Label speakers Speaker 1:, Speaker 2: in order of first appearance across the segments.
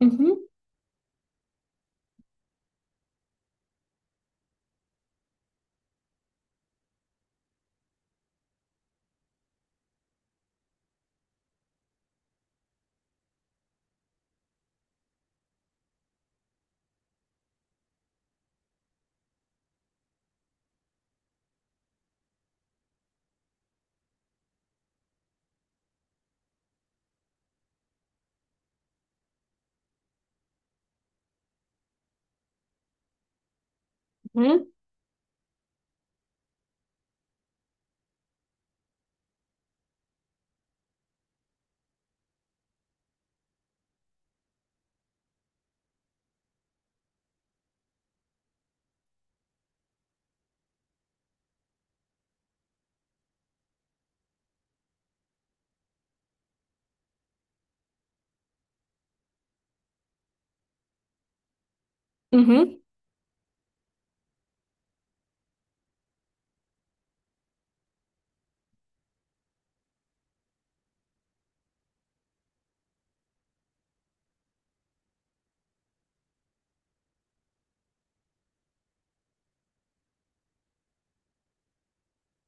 Speaker 1: Mhm, mhm, mhm.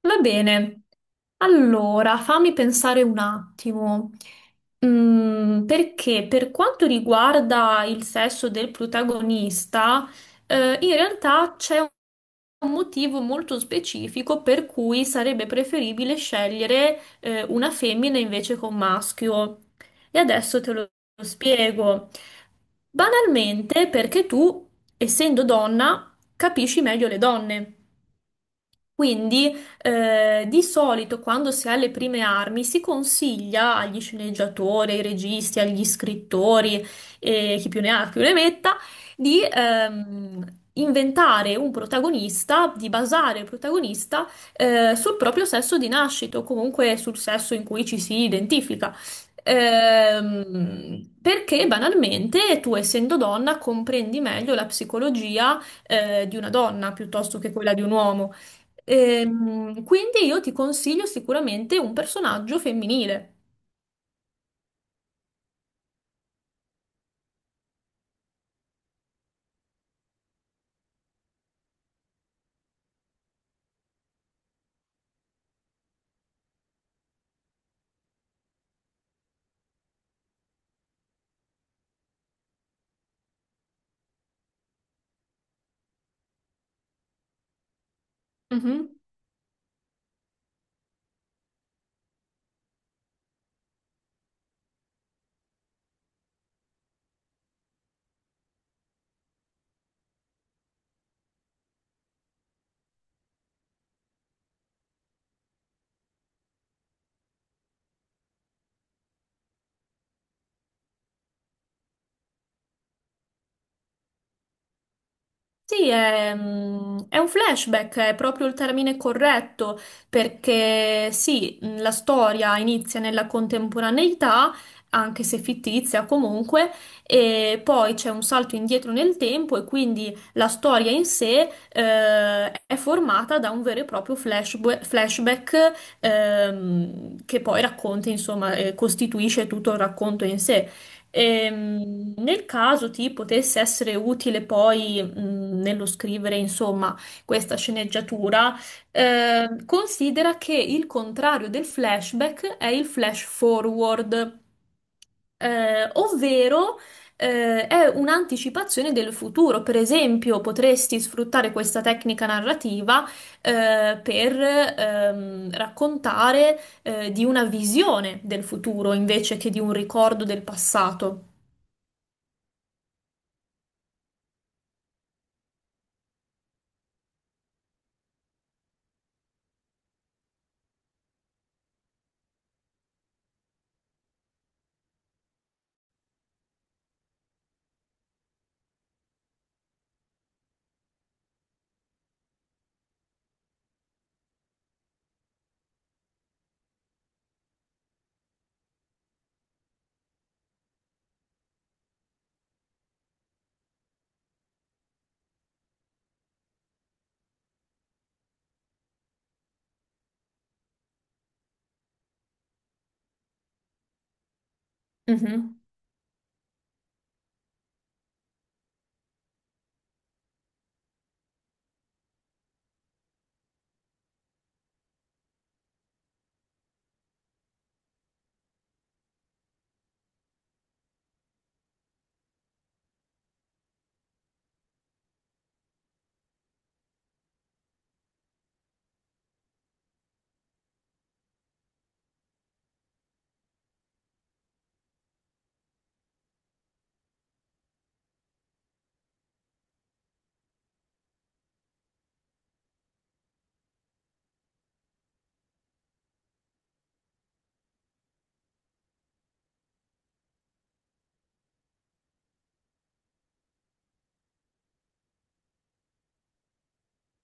Speaker 1: Va bene. Allora, fammi pensare un attimo. Perché per quanto riguarda il sesso del protagonista, in realtà c'è un motivo molto specifico per cui sarebbe preferibile scegliere, una femmina invece che un maschio. E adesso te lo spiego. Banalmente, perché tu, essendo donna, capisci meglio le donne. Quindi, di solito quando si ha le prime armi si consiglia agli sceneggiatori, ai registi, agli scrittori, e chi più ne ha più ne metta, di inventare un protagonista, di basare il protagonista sul proprio sesso di nascita o comunque sul sesso in cui ci si identifica. Perché banalmente tu, essendo donna, comprendi meglio la psicologia di una donna piuttosto che quella di un uomo. Quindi io ti consiglio sicuramente un personaggio femminile. Mhm. Sì, è un flashback, è proprio il termine corretto, perché sì, la storia inizia nella contemporaneità, anche se fittizia comunque, e poi c'è un salto indietro nel tempo e quindi la storia in sé, è formata da un vero e proprio flashback, che poi racconta, insomma, costituisce tutto il racconto in sé. Nel caso ti potesse essere utile poi nello scrivere, insomma, questa sceneggiatura, considera che il contrario del flashback è il flash forward, ovvero è un'anticipazione del futuro. Per esempio, potresti sfruttare questa tecnica narrativa per raccontare di una visione del futuro invece che di un ricordo del passato. Mhm.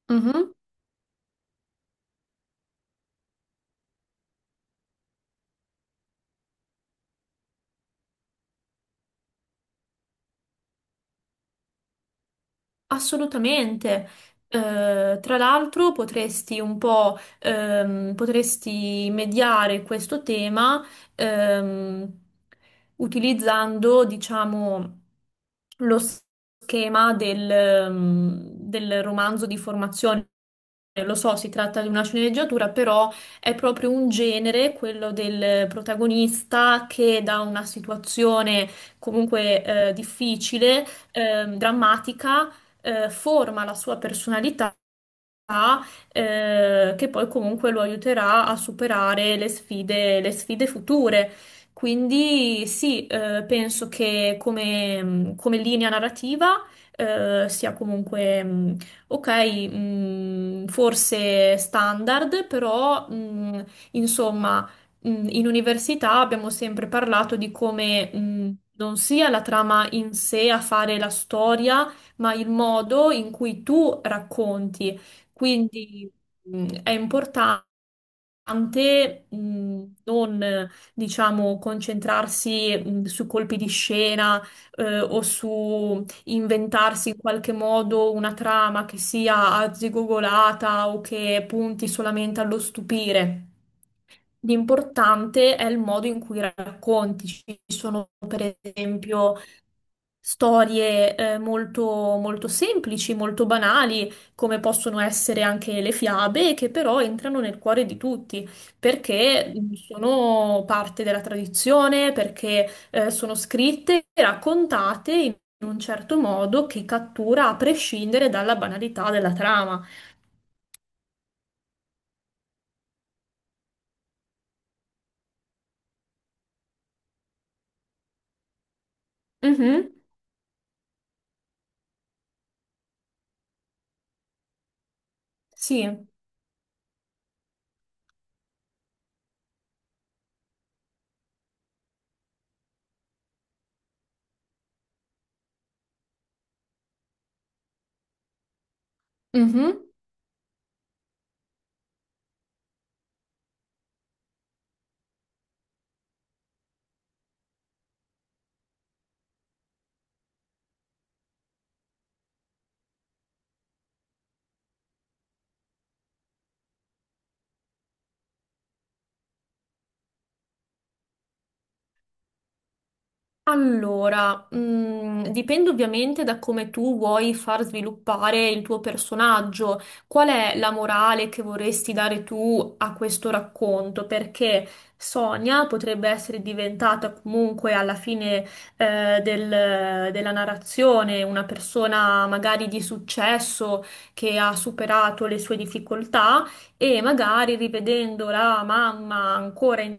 Speaker 1: Mhm. Assolutamente. Tra l'altro potresti mediare questo tema, ehm, utilizzando, diciamo, lo schema del romanzo di formazione. Lo so, si tratta di una sceneggiatura, però è proprio un genere, quello del protagonista che da una situazione comunque difficile, drammatica forma la sua personalità che poi comunque lo aiuterà a superare le sfide future. Quindi sì, penso che come linea narrativa sia comunque ok, forse standard, però insomma in università abbiamo sempre parlato di come non sia la trama in sé a fare la storia, ma il modo in cui tu racconti. Quindi è importante non, diciamo, concentrarsi su colpi di scena o su inventarsi in qualche modo una trama che sia arzigogolata o che punti solamente allo stupire. L'importante è il modo in cui racconti. Ci sono, per esempio, storie molto, molto semplici, molto banali, come possono essere anche le fiabe, che però entrano nel cuore di tutti, perché sono parte della tradizione, perché sono scritte e raccontate in un certo modo che cattura a prescindere dalla banalità della trama. Mhm. Sì. Mhm. Allora, dipende ovviamente da come tu vuoi far sviluppare il tuo personaggio, qual è la morale che vorresti dare tu a questo racconto, perché Sonia potrebbe essere diventata comunque alla fine, della narrazione una persona magari di successo che ha superato le sue difficoltà e magari rivedendo la mamma ancora in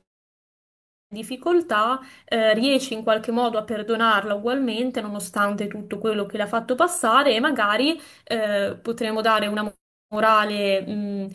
Speaker 1: difficoltà, riesce in qualche modo a perdonarla ugualmente, nonostante tutto quello che le ha fatto passare, e magari potremo dare una morale mh,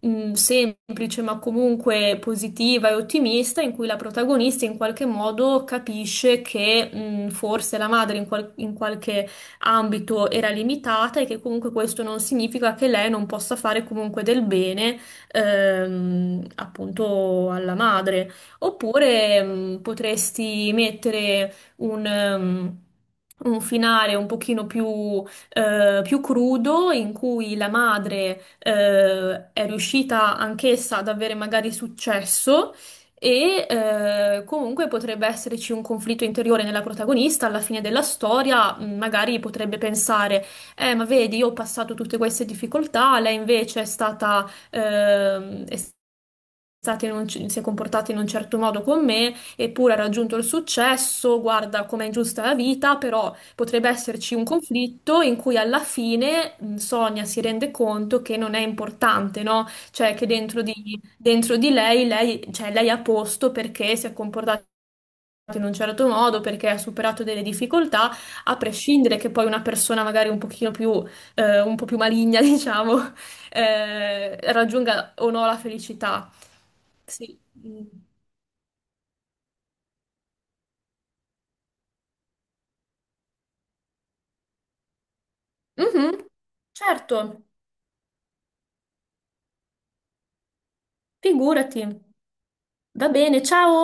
Speaker 1: mh, semplice, ma comunque positiva e ottimista, in cui la protagonista in qualche modo capisce che forse la madre in qualche ambito era limitata e che comunque questo non significa che lei non possa fare comunque del bene, appunto alla madre. Oppure potresti mettere un finale un pochino più crudo in cui la madre è riuscita anch'essa ad avere magari successo. E comunque potrebbe esserci un conflitto interiore nella protagonista, alla fine della storia, magari potrebbe pensare, ma vedi, io ho passato tutte queste difficoltà, lei invece è stata, è stati si è comportato in un certo modo con me, eppure ha raggiunto il successo, guarda com'è ingiusta la vita, però potrebbe esserci un conflitto in cui alla fine Sonia si rende conto che non è importante, no? Cioè che dentro di lei, cioè, lei è a posto perché si è comportata in un certo modo, perché ha superato delle difficoltà, a prescindere che poi una persona magari un po' più maligna, diciamo, raggiunga o no la felicità. Sì. Mhm. Certo, figurati. Va bene, ciao.